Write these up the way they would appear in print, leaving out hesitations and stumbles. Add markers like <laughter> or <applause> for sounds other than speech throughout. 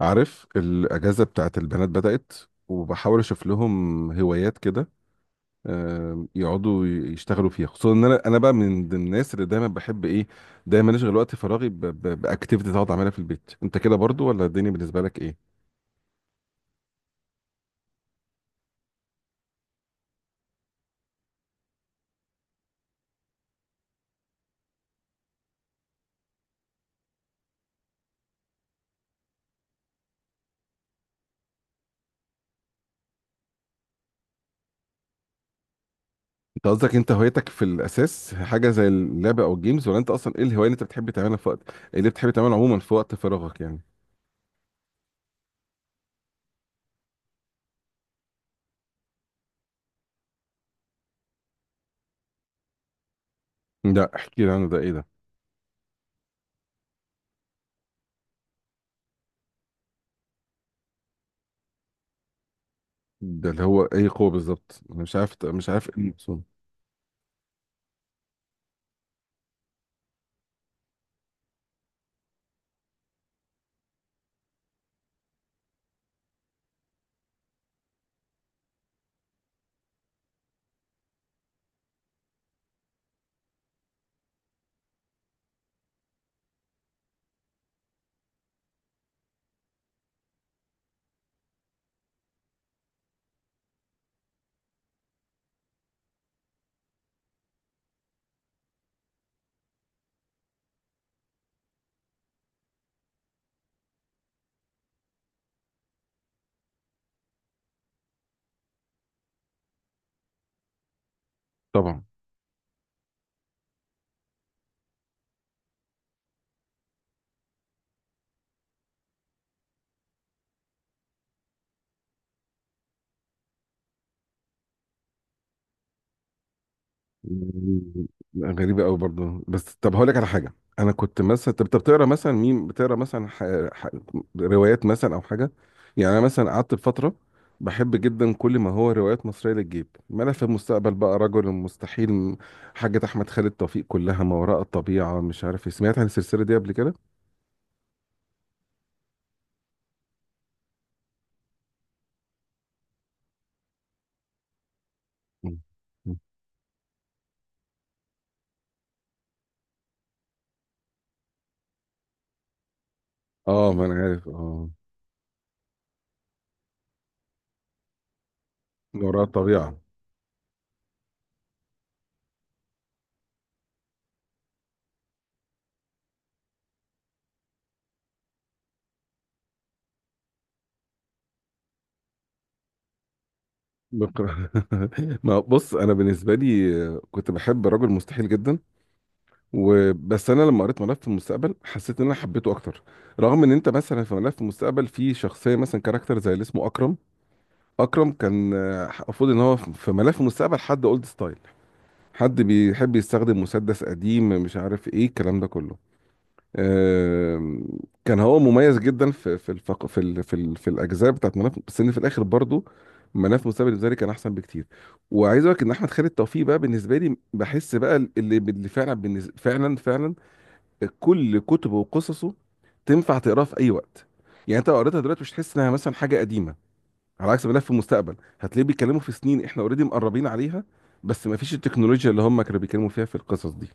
عارف الأجازة بتاعت البنات بدأت، وبحاول أشوف لهم هوايات كده. يقعدوا يشتغلوا فيها، خصوصا ان انا بقى من ضمن الناس اللي دايما بحب ايه، دايما اشغل وقت فراغي باكتيفيتي اقعد اعملها في البيت. انت كده برضو ولا الدنيا بالنسبه لك ايه؟ انت قصدك انت هوايتك في الاساس حاجه زي اللعبه او الجيمز، ولا انت اصلا ايه الهوايه اللي انت بتحب تعملها في وقت، اللي بتحب تعملها عموما في وقت فراغك يعني؟ لا، احكي لي عنه، ده ايه ده؟ ده اللي هو ايه قوه بالظبط، انا مش عارف ايه المقصود. طبعا. لا، غريبة قوي برضه، بس طب هقول لك على حاجة. أنا كنت مثلا طب بتقرا مثلا مين، بتقرا مثلا ح... روايات مثلا أو حاجة. يعني أنا مثلا قعدت بفترة بحب جدا كل ما هو روايات مصرية للجيب، ملف المستقبل بقى، رجل المستحيل حاجة أحمد خالد توفيق، كلها، ما وراء الطبيعة مش عارف إيه. سمعت عن السلسلة دي قبل كده؟ مم. اه ما انا عارف اه. ما وراء الطبيعة. بقرا. <laughs> ما بص، انا بالنسبه لي كنت بحب رجل مستحيل جدا. وبس انا لما قريت ملف المستقبل حسيت ان انا حبيته اكتر. رغم ان انت مثلا في ملف المستقبل في شخصيه مثلا كاركتر زي اللي اسمه اكرم. اكرم كان المفروض ان هو في ملف المستقبل حد اولد ستايل، حد بيحب يستخدم مسدس قديم مش عارف ايه الكلام ده كله. آم، كان هو مميز جدا في الفق... في ال... في, ال... في الاجزاء بتاعت ملف. بس ان في الاخر برضو ملف مستقبل بالنسبه لي كان احسن بكتير. وعايز اقول لك ان احمد خالد توفيق بقى بالنسبه لي بحس بقى اللي فعلا فعلا كل كتبه وقصصه تنفع تقراها في اي وقت. يعني انت لو قريتها دلوقتي مش هتحس انها مثلا حاجه قديمه، على عكس ملف المستقبل هتلاقيه بيتكلموا في سنين احنا اوريدي مقربين عليها، بس ما فيش التكنولوجيا اللي هم كانوا بيتكلموا فيها في القصص دي.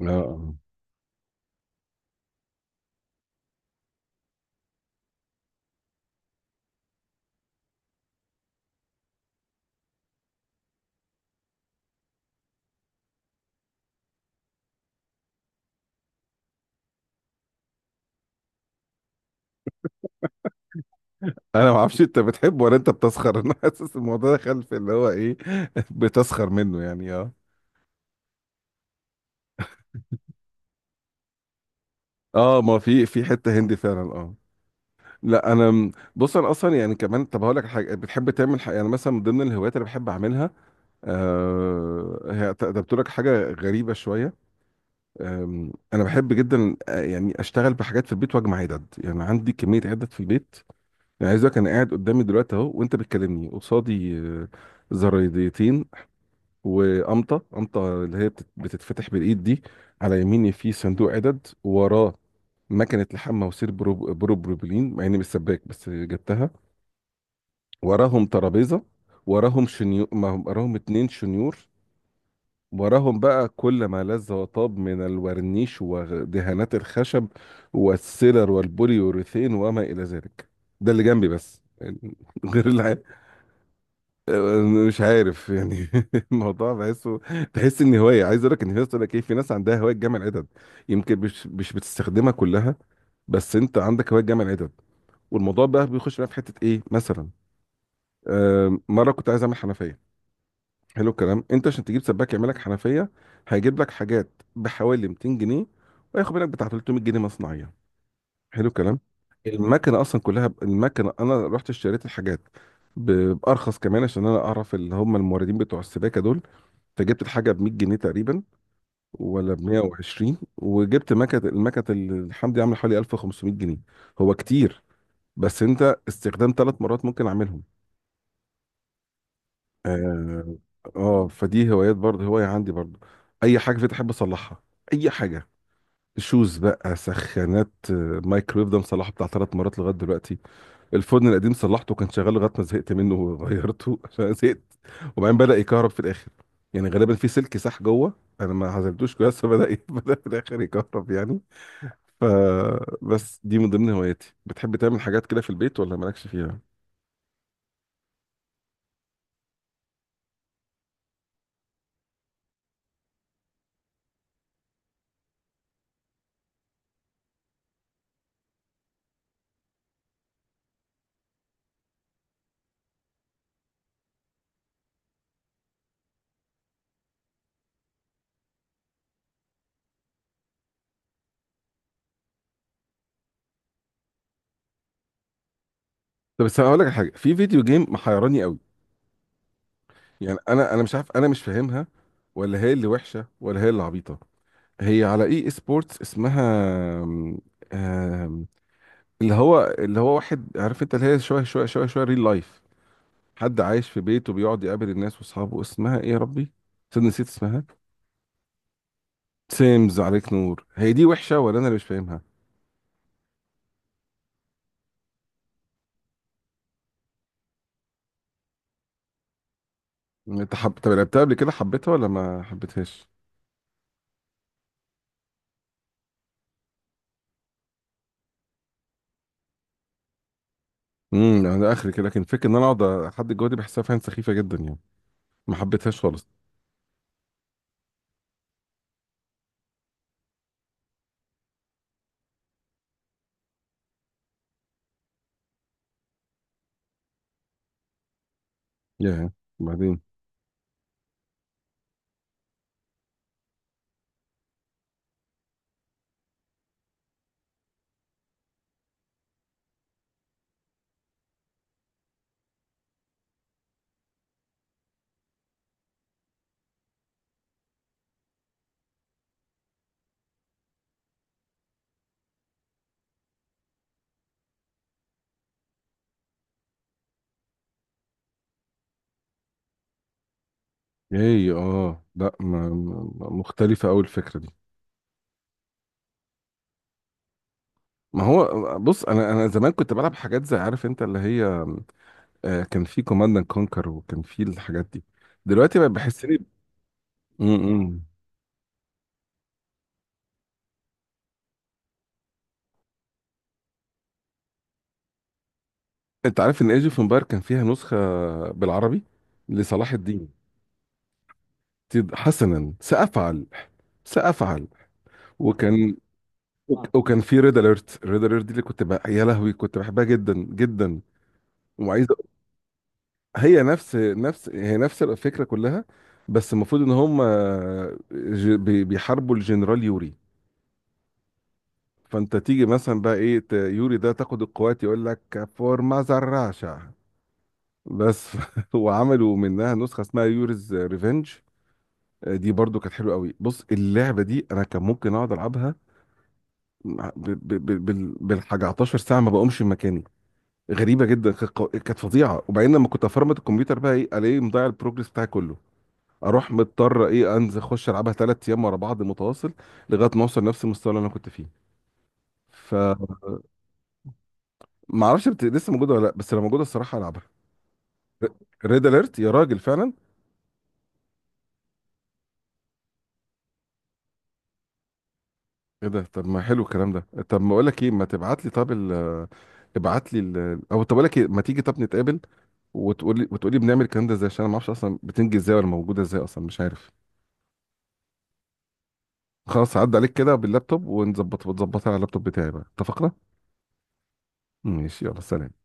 اه آه. انا ما اعرفش انت بتحبه ولا انت بتسخر. <laughs> انا حاسس الموضوع ده خلف اللي هو ايه. <laughs> بتسخر منه يعني اه. اه ما في في حته هندي فعلا اه. لا، انا بص، انا اصلا يعني كمان، طب هقول لك حاجه. بتحب تعمل حاجه؟ يعني مثلا من ضمن الهوايات اللي بحب اعملها، هي ده، بتقول لك حاجة غريبة شوية. أنا بحب جدا يعني أشتغل بحاجات في البيت وأجمع عدد. يعني عندي كمية عدد في البيت. يعني عايز أقولك، أنا قاعد قدامي دلوقتي أهو وأنت بتكلمني قصادي زرايديتين، وقمطة اللي هي بتتفتح بالإيد دي. على يميني في صندوق عدد. وراه مكنة لحام مواسير بروبلين، مع إني مش سباك بس جبتها. وراهم ترابيزة، وراهم شنيور، وراهم اتنين شنيور، وراهم بقى كل ما لذ وطاب من الورنيش ودهانات الخشب والسيلر والبوليوريثين وما إلى ذلك. ده اللي جنبي بس <laughs> يعني، غير مش عارف يعني. <laughs> الموضوع بحسه، تحس ان هوايه. عايز اقول لك ان في ناس تقول لك ايه، في ناس عندها هوايه جمع العدد. يمكن مش بتستخدمها كلها، بس انت عندك هوايه جمع العدد. والموضوع بقى بيخش بقى في حته ايه مثلا، مره كنت عايز اعمل حنفيه. حلو الكلام. انت عشان تجيب سباك يعمل لك حنفيه، هيجيب لك حاجات بحوالي 200 جنيه وياخد منك بتاع 300 جنيه مصنعيه، حلو الكلام. المكنه اصلا كلها المكنه انا رحت اشتريت الحاجات بارخص كمان، عشان انا اعرف اللي هم الموردين بتوع السباكه دول. فجبت الحاجه ب 100 جنيه تقريبا، ولا ب 120، وجبت مكنه، المكنه اللي الحمد لله عامله حوالي 1500 جنيه. هو كتير، بس انت استخدام 3 مرات ممكن اعملهم. اه. فدي هوايات برضه، هواية عندي برضه. اي حاجة في احب اصلحها، اي حاجة. شوز بقى، سخانات، مايكرويف ده مصلحه بتاع 3 مرات لغاية دلوقتي. الفرن القديم صلحته، كان شغال لغاية ما زهقت منه وغيرته <laughs> عشان زهقت. وبعدين بدأ يكهرب في الاخر، يعني غالبا في سلك ساح جوه انا ما عزلتوش كويس. فبدأ <laughs> بدأ في الاخر يكهرب يعني. ف، بس دي من ضمن هواياتي. بتحب تعمل حاجات كده في البيت ولا مالكش فيها؟ طب بس هقول لك على حاجه في فيديو جيم محيراني. يعني انا مش عارف، انا مش فاهمها. ولا هي اللي وحشه ولا هي اللي عبيطه؟ هي على اي سبورتس اسمها آم، آم، اللي هو، اللي هو واحد، عارف انت، اللي هي شويه شويه ريل لايف. حد عايش في بيته بيقعد يقابل الناس واصحابه. اسمها ايه يا ربي؟ صدق نسيت اسمها. سيمز، عليك نور، هي دي وحشه ولا انا اللي مش فاهمها؟ انت طب لعبتها قبل كده، حبيتها ولا ما حبيتهاش؟ انا اخر كده، لكن فكره ان انا اقعد احدد جوه دي بحسها فعلا سخيفه جدا يعني. ما حبيتهاش خالص. ياه. بعدين. ايه اه، لا مختلفة أوي الفكرة دي. ما هو بص، انا زمان كنت بلعب حاجات زي، عارف انت اللي هي، كان في كوماند اند كونكر وكان في الحاجات دي. دلوقتي بقى بحسني. امم. انت عارف ان ايج اوف امباير كان فيها نسخة بالعربي لصلاح الدين؟ حسنا سأفعل. سأفعل. وكان، وكان في ريد اليرت. ريد اليرت دي اللي كنت بقى يا لهوي كنت بحبها جدا جدا. وعايز. هي نفس هي نفس الفكرة كلها. بس المفروض ان هم بيحاربوا الجنرال يوري. فانت تيجي مثلا بقى ايه، يوري ده تاخد القوات يقول لك فور ماذر راشا بس. <laughs> وعملوا منها نسخة اسمها يوريز ريفنج، دي برضو كانت حلوة قوي. بص، اللعبة دي انا كان ممكن اقعد العبها بالحاجة 11 ساعة ما بقومش من مكاني. غريبة جدا، كانت كانت فظيعة. وبعدين لما كنت افرمت الكمبيوتر بقى ايه، الاقيه مضيع البروجرس بتاعي كله. اروح مضطر ايه، انزل اخش العبها 3 ايام ورا بعض متواصل لغايه ما اوصل نفس المستوى اللي انا كنت فيه. فما اعرفش لسه موجوده ولا لا، بس لو موجوده الصراحه العبها. ريد اليرت يا راجل فعلا. ايه ده؟ طب ما حلو الكلام ده. طب ما اقول لك ايه، ما تبعت لي طب ابعت لي او طب اقول لك ايه، ما تيجي طب نتقابل، وتقولي بنعمل الكلام ده ازاي، عشان انا ما اعرفش اصلا بتنجي ازاي ولا موجوده ازاي اصلا مش عارف. خلاص عدى عليك كده باللابتوب ونظبط، وتظبطها على اللابتوب بتاعي بقى. اتفقنا؟ ماشي يلا سلام.